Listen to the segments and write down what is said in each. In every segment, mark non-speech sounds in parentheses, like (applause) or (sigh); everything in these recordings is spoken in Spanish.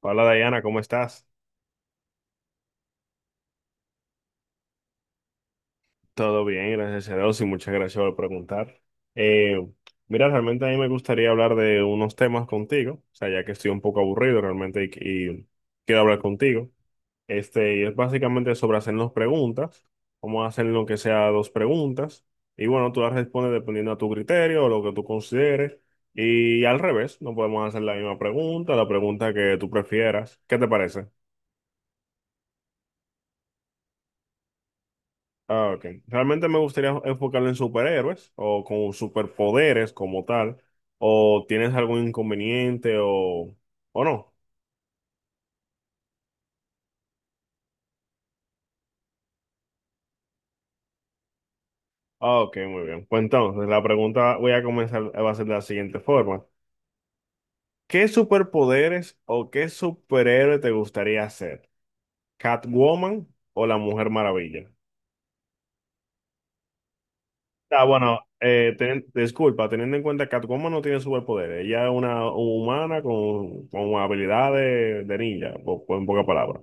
Hola Diana, ¿cómo estás? Todo bien, gracias a Dios y muchas gracias por preguntar. Eh, Mira, realmente a mí me gustaría hablar de unos temas contigo, o sea, ya que estoy un poco aburrido realmente y quiero hablar contigo. Este, y es básicamente sobre hacernos preguntas. Vamos a hacer lo que sea dos preguntas y bueno, tú las respondes dependiendo a tu criterio o lo que tú consideres. Y al revés, no podemos hacer la misma pregunta, la pregunta que tú prefieras. ¿Qué te parece? Ah, ok. Realmente me gustaría enfocarlo en superhéroes o con superpoderes como tal. ¿O tienes algún inconveniente o no? Ah, ok, muy bien. Pues entonces, la pregunta voy a comenzar, va a ser de la siguiente forma. ¿Qué superpoderes o qué superhéroe te gustaría ser? ¿Catwoman o la Mujer Maravilla? Ah, bueno, disculpa, teniendo en cuenta que Catwoman no tiene superpoderes. Ella es una humana con habilidades de ninja, en pocas palabras.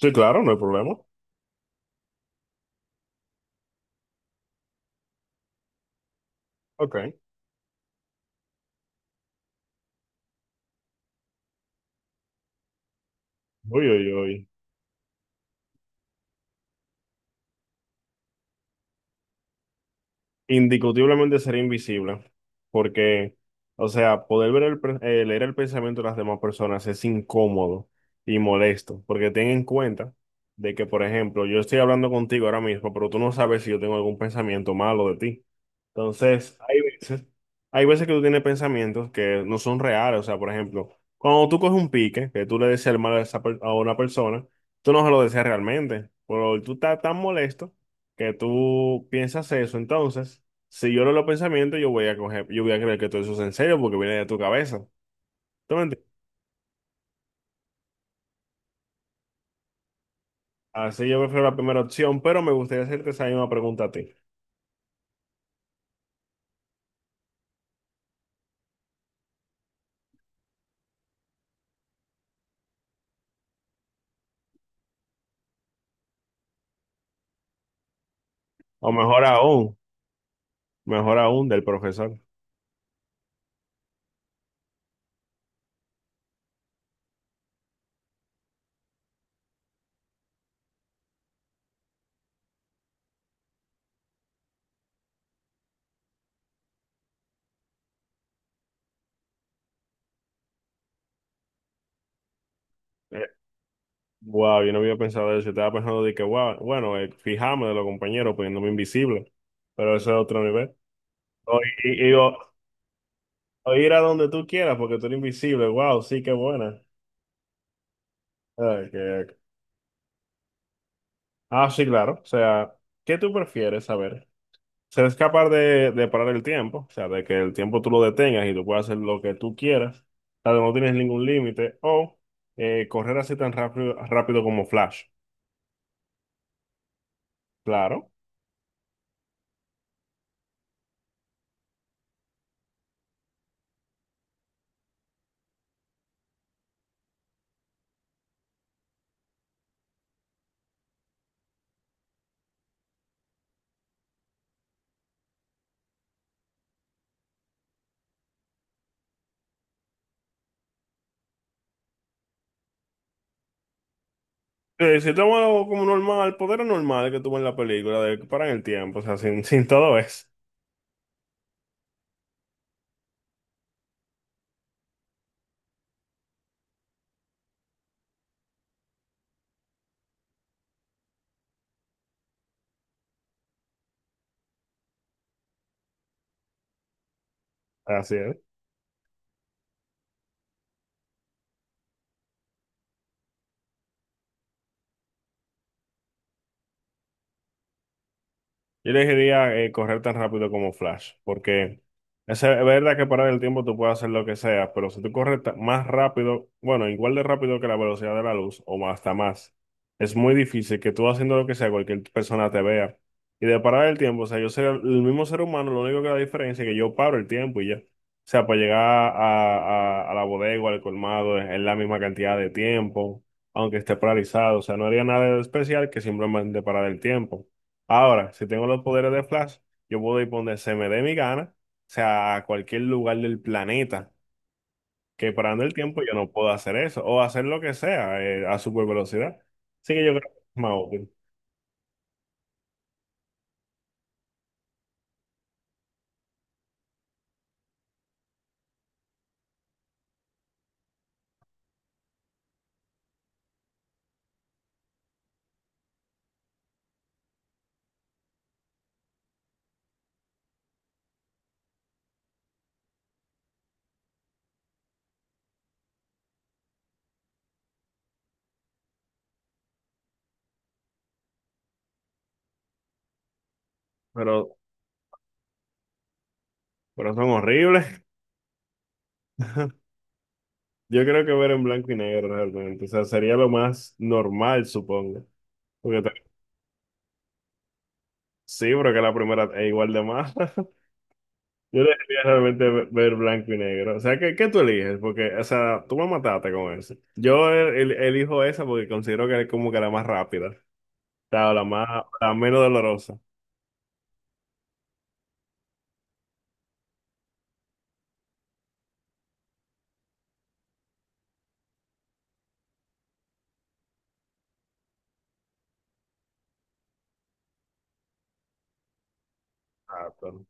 Sí, claro, no hay problema. Ok. Uy, uy, uy. Indiscutiblemente sería invisible, porque, o sea, poder ver el, leer el pensamiento de las demás personas es incómodo y molesto, porque ten en cuenta de que, por ejemplo, yo estoy hablando contigo ahora mismo, pero tú no sabes si yo tengo algún pensamiento malo de ti. Entonces, hay veces que tú tienes pensamientos que no son reales, o sea, por ejemplo, cuando tú coges un pique, que tú le deseas el mal a, a una persona, tú no se lo deseas realmente, pero tú estás tan molesto que tú piensas eso, entonces, si yo leo los pensamientos, yo voy a coger, yo voy a creer que todo eso es en serio porque viene de tu cabeza. ¿Tú me entiendes? Así yo prefiero la primera opción, pero me gustaría hacerte esa misma pregunta a ti. O mejor aún del profesor. Eh, wow, yo no había pensado eso. Yo estaba pensando de que, wow, bueno, fijarme de los compañeros, poniéndome invisible. Pero eso es otro nivel. O, y- o- O ir a donde tú quieras porque tú eres invisible. Wow, sí, qué buena. Ah, que- Ah, sí, claro. O sea, ¿qué tú prefieres saber? Ser capaz de parar el tiempo, o sea, de que el tiempo tú lo detengas y tú puedas hacer lo que tú quieras, o sea, no tienes ningún límite, o correr así tan rápido, rápido como Flash, claro. Si tomas algo como normal, el poder normal que tuvo en la película, de que paran el tiempo, o sea, sin, (laughs) sin todo eso. Así es. Yo elegiría correr tan rápido como Flash, porque es verdad que parar el tiempo tú puedes hacer lo que sea, pero si tú más rápido, bueno, igual de rápido que la velocidad de la luz hasta más, es muy difícil que tú haciendo lo que sea, cualquier persona te vea. Y de parar el tiempo, o sea, yo soy el mismo ser humano, lo único que la diferencia es que yo paro el tiempo y ya. O sea, para llegar a la bodega o al colmado es la misma cantidad de tiempo, aunque esté paralizado, o sea, no haría nada de especial que simplemente parar el tiempo. Ahora, si tengo los poderes de Flash, yo puedo ir por donde se me dé mi gana, o sea, a cualquier lugar del planeta, que parando el tiempo yo no puedo hacer eso, o hacer lo que sea, a super velocidad. Así que yo creo que es más útil, pero, pero son horribles. (laughs) Yo creo que ver en blanco y negro realmente, o sea, sería lo más normal, supongo. Porque ta- sí, pero que la primera es igual de más. Yo debería realmente ver blanco y negro. O sea, ¿qué, qué tú eliges? Porque, o sea, tú me mataste con eso. Yo elijo esa porque considero que es como que la más rápida. O sea, la más, la menos dolorosa. Exacto.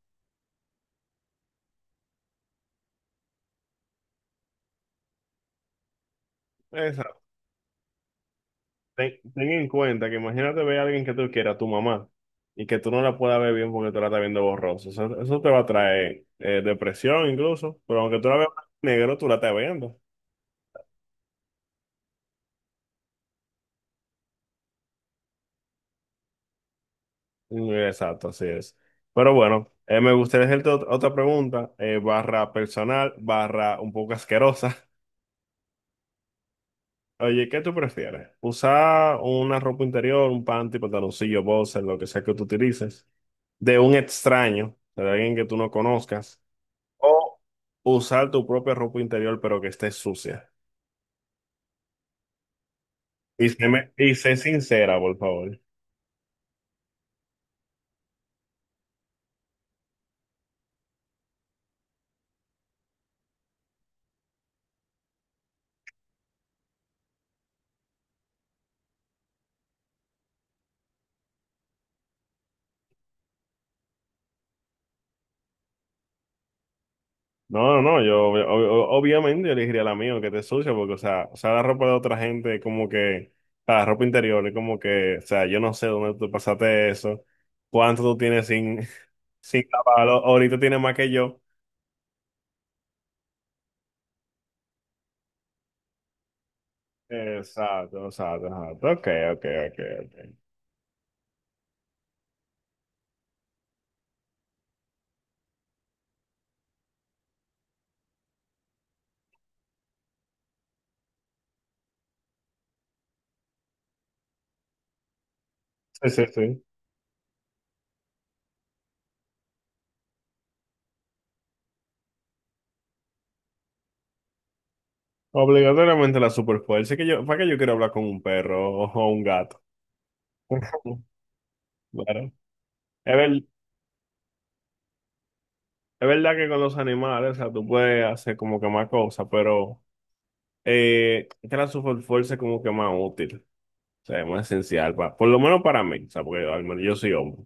Exacto. Ten, ten en cuenta que imagínate ver a alguien que tú quieras, tu mamá, y que tú no la puedas ver bien porque tú la estás viendo borrosa. Eso te va a traer depresión incluso. Pero aunque tú la veas blanco y negro, tú la estás viendo. Mm, exacto, así es. Pero bueno, me gustaría hacerte otra pregunta, barra personal, barra un poco asquerosa. (laughs) Oye, ¿qué tú prefieres? ¿Usar una ropa interior, un panty, pantaloncillo, boxer, lo que sea que tú utilices, de un extraño, de alguien que tú no conozcas, o usar tu propia ropa interior pero que esté sucia? Y sé, y sé sincera, por favor. No, no, no, yo obviamente yo elegiría la mía, que te sucia, porque, o sea, la ropa de otra gente, como que, o sea, la ropa interior, es como que, o sea, yo no sé dónde tú pasaste eso, cuánto tú tienes sin, (laughs) sin lavarlo, ahorita tienes más que yo. Exacto, exacto, exacto, ok, ok, ok, ok. Sí, sí, sí. Obligatoriamente la superfuerza, es que yo, ¿para qué yo quiero hablar con un perro o un gato? (laughs) Claro. Es, ver- es verdad que con los animales, o sea, tú puedes hacer como que más cosas, pero... Transform Force es como que más útil, o sea, es más esencial, por lo menos para mí, o sea, porque al menos yo soy hombre.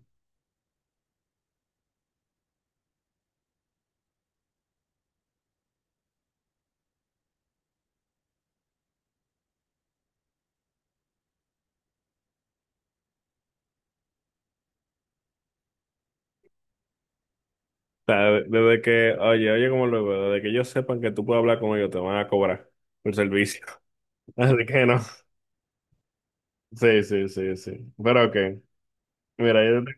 O sea, desde que, oye, oye, como lo veo, desde que ellos sepan que tú puedes hablar con ellos, te van a cobrar por servicio. (laughs) Así que no. Sí, sí, sí, sí. Pero ok. Mira,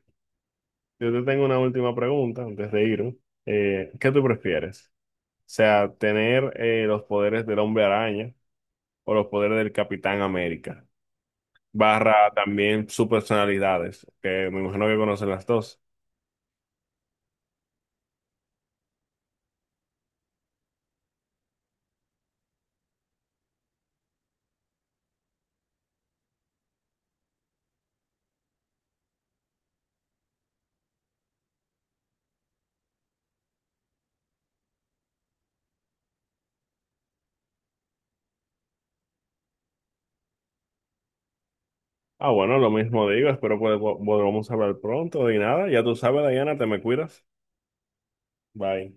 yo te tengo una última pregunta antes de irme. ¿qué tú prefieres? O sea, tener los poderes del Hombre Araña o los poderes del Capitán América, barra también sus personalidades, que me imagino que conocen las dos. Ah, bueno, lo mismo digo, espero podamos hablar pronto y nada, ya tú sabes, Diana, te me cuidas. Bye.